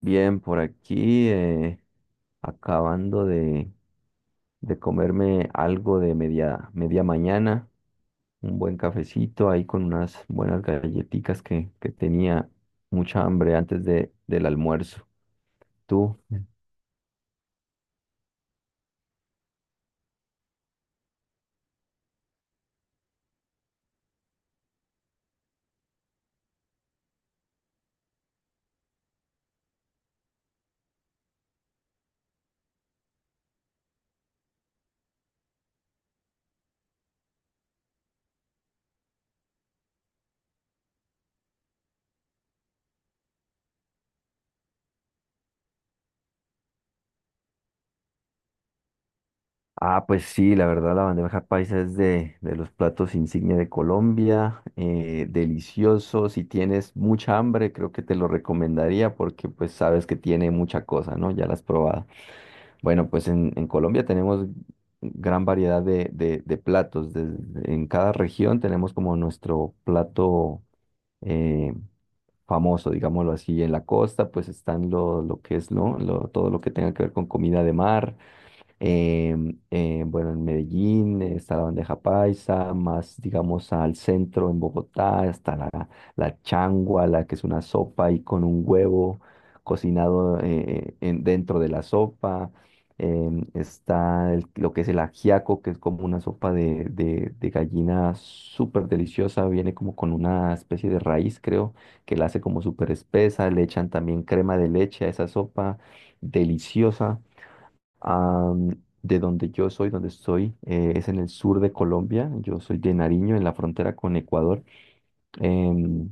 Bien, por aquí acabando de comerme algo de media, media mañana, un buen cafecito ahí con unas buenas galletitas que tenía mucha hambre antes del almuerzo. ¿Tú? Ah, pues sí, la verdad la bandeja paisa es de los platos insignia de Colombia, delicioso, si tienes mucha hambre creo que te lo recomendaría porque pues sabes que tiene mucha cosa, ¿no? Ya la has probado. Bueno, pues en Colombia tenemos gran variedad de, de platos. En cada región tenemos como nuestro plato eh, famoso, digámoslo así. En la costa, pues están lo que es, ¿no? Todo lo que tenga que ver con comida de mar. Eh, bueno, en Medellín está la bandeja paisa, más digamos al centro en Bogotá está la changua, la que es una sopa y con un huevo cocinado dentro de la sopa. Está lo que es el ajiaco, que es como una sopa de, de gallina súper deliciosa, viene como con una especie de raíz, creo, que la hace como súper espesa, le echan también crema de leche a esa sopa, deliciosa. De donde yo soy, donde estoy, es en el sur de Colombia. Yo soy de Nariño, en la frontera con Ecuador. Em,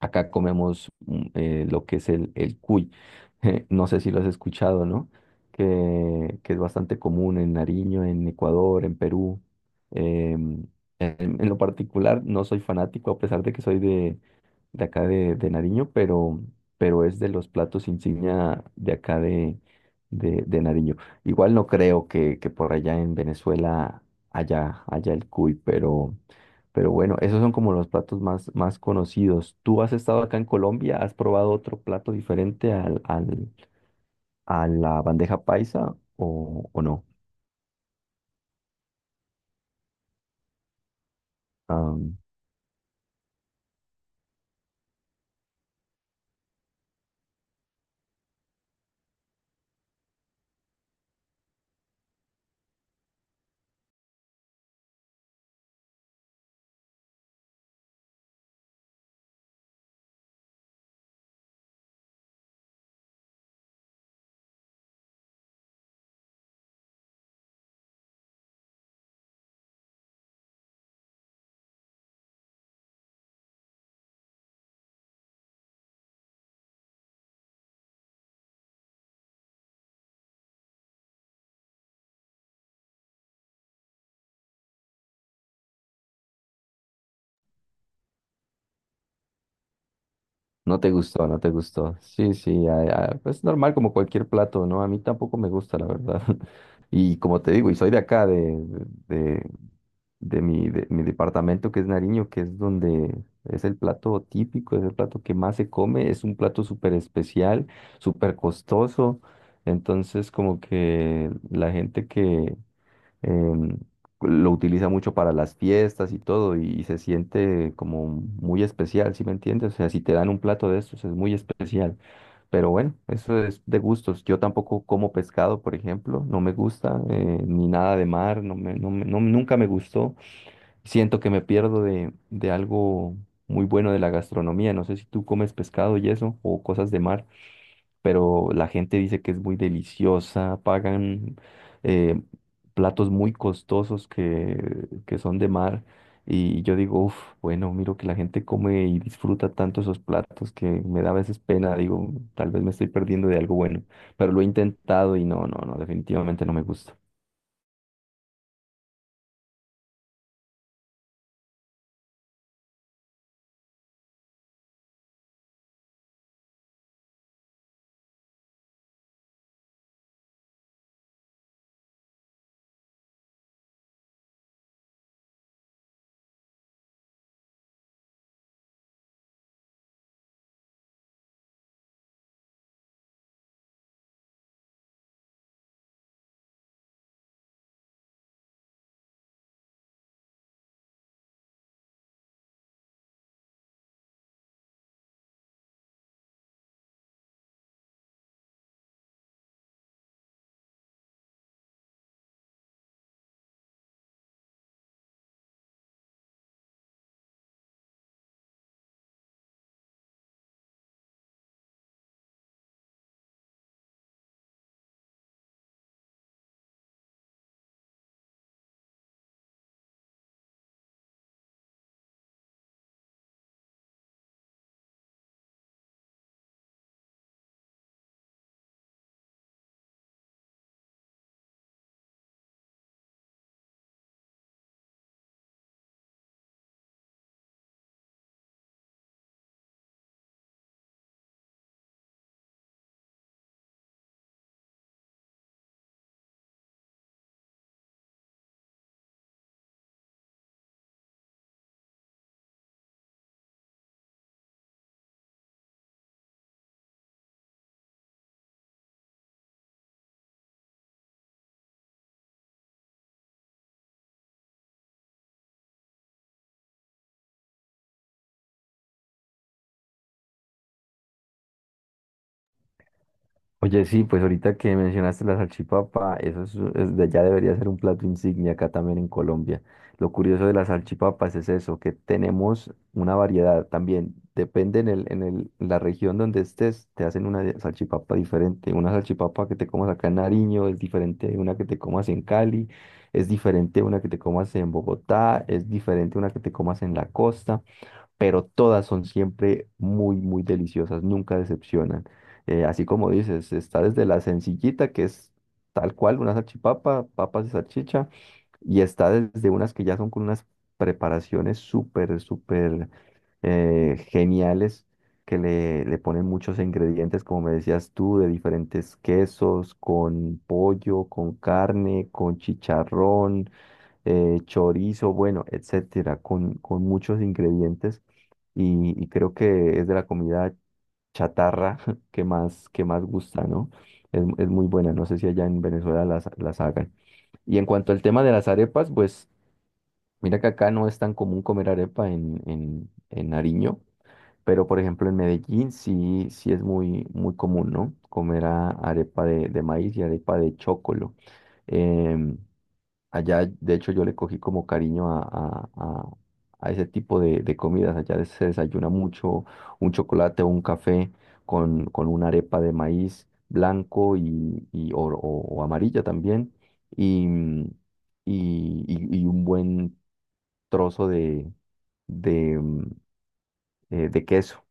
Acá comemos lo que es el cuy. No sé si lo has escuchado, ¿no? Que es bastante común en Nariño, en Ecuador, en Perú. Em, en lo particular, no soy fanático, a pesar de que soy de acá de Nariño, pero es de los platos insignia de acá de, de Nariño. Igual no creo que por allá en Venezuela haya el cuy, pero bueno, esos son como los platos más, más conocidos. ¿Tú has estado acá en Colombia? ¿Has probado otro plato diferente a la bandeja paisa o no? No te gustó, no te gustó. Sí, sí, es normal como cualquier plato, ¿no? A mí tampoco me gusta, la verdad. Y como te digo, y soy de acá, de, de mi departamento que es Nariño, que es donde es el plato típico, es el plato que más se come, es un plato súper especial, súper costoso. Entonces, como que la gente que, em, lo utiliza mucho para las fiestas y todo, y se siente como muy especial, ¿sí me entiendes? O sea, si te dan un plato de estos es muy especial. Pero bueno, eso es de gustos. Yo tampoco como pescado, por ejemplo, no me gusta, ni nada de mar, nunca me gustó. Siento que me pierdo de algo muy bueno de la gastronomía. No sé si tú comes pescado y eso, o cosas de mar, pero la gente dice que es muy deliciosa, pagan eh, platos muy costosos que son de mar. Y yo digo, uff, bueno, miro que la gente come y disfruta tanto esos platos que me da a veces pena, digo, tal vez me estoy perdiendo de algo bueno, pero lo he intentado y no, no, no, definitivamente no me gusta. Oye, sí, pues ahorita que mencionaste la salchipapa, eso es, ya debería ser un plato insignia acá también en Colombia. Lo curioso de las salchipapas es eso, que tenemos una variedad también. Depende en el, en la región donde estés, te hacen salchipapa diferente. Una salchipapa que te comas acá en Nariño es diferente de una que te comas en Cali, es diferente de una que te comas en Bogotá, es diferente de una que te comas en la costa, pero todas son siempre muy, muy deliciosas, nunca decepcionan. Así como dices, está desde la sencillita, que es tal cual una salchipapa, papas y salchicha, y está desde unas que ya son con unas preparaciones súper, súper geniales, que le ponen muchos ingredientes, como me decías tú, de diferentes quesos, con pollo, con carne, con chicharrón, chorizo, bueno, etcétera, con muchos ingredientes, y creo que es de la comida chatarra que más gusta, ¿no? Es muy buena, no sé si allá en Venezuela las hagan. Y en cuanto al tema de las arepas, pues mira que acá no es tan común comer arepa en, en Nariño, pero por ejemplo en Medellín sí, sí es muy, muy común, ¿no? Comer arepa de maíz y arepa de chocolo. Em, Allá, de hecho, yo le cogí como cariño a, a ese tipo de comidas. Allá se desayuna mucho un chocolate o un café con una arepa de maíz blanco y, o, o amarilla también y, y un buen trozo de, de queso.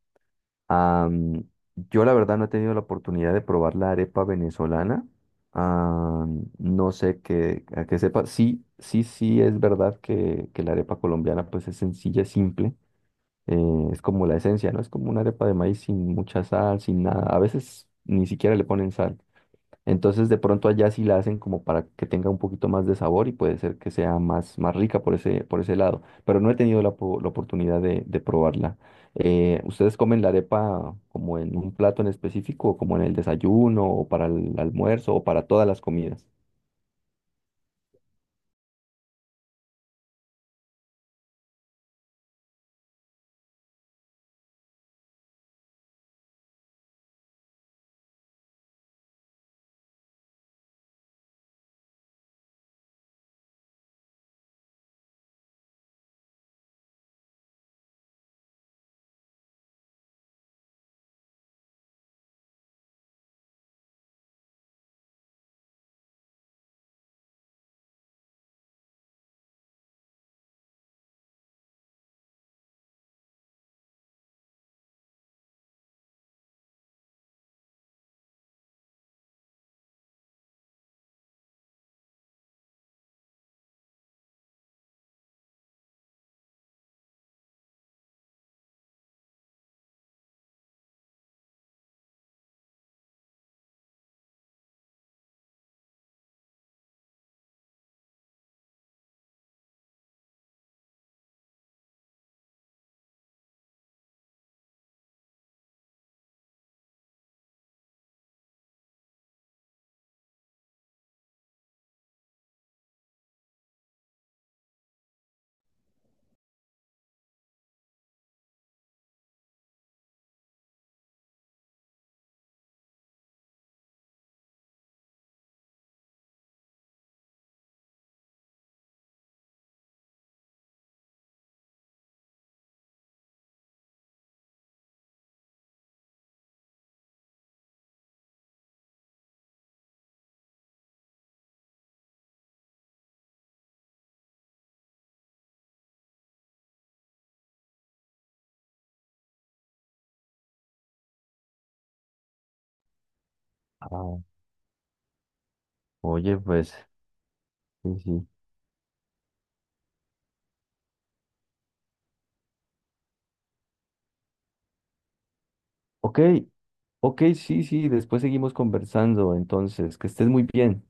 Am, yo la verdad no he tenido la oportunidad de probar la arepa venezolana. No sé que, a que sepa. Sí, sí, sí, es verdad que la arepa colombiana pues es sencilla, es simple. Es como la esencia, ¿no? Es como una arepa de maíz sin mucha sal, sin nada. A veces ni siquiera le ponen sal. Entonces de pronto allá sí la hacen como para que tenga un poquito más de sabor y puede ser que sea más, más rica por ese lado. Pero no he tenido la oportunidad de probarla. ¿Ustedes comen la arepa como en un plato en específico, o como en el desayuno, o para el almuerzo, o para todas las comidas? Ah, oye, pues, sí, sí. Ok, ok, sí, sí, después seguimos conversando. Entonces, que estés muy bien.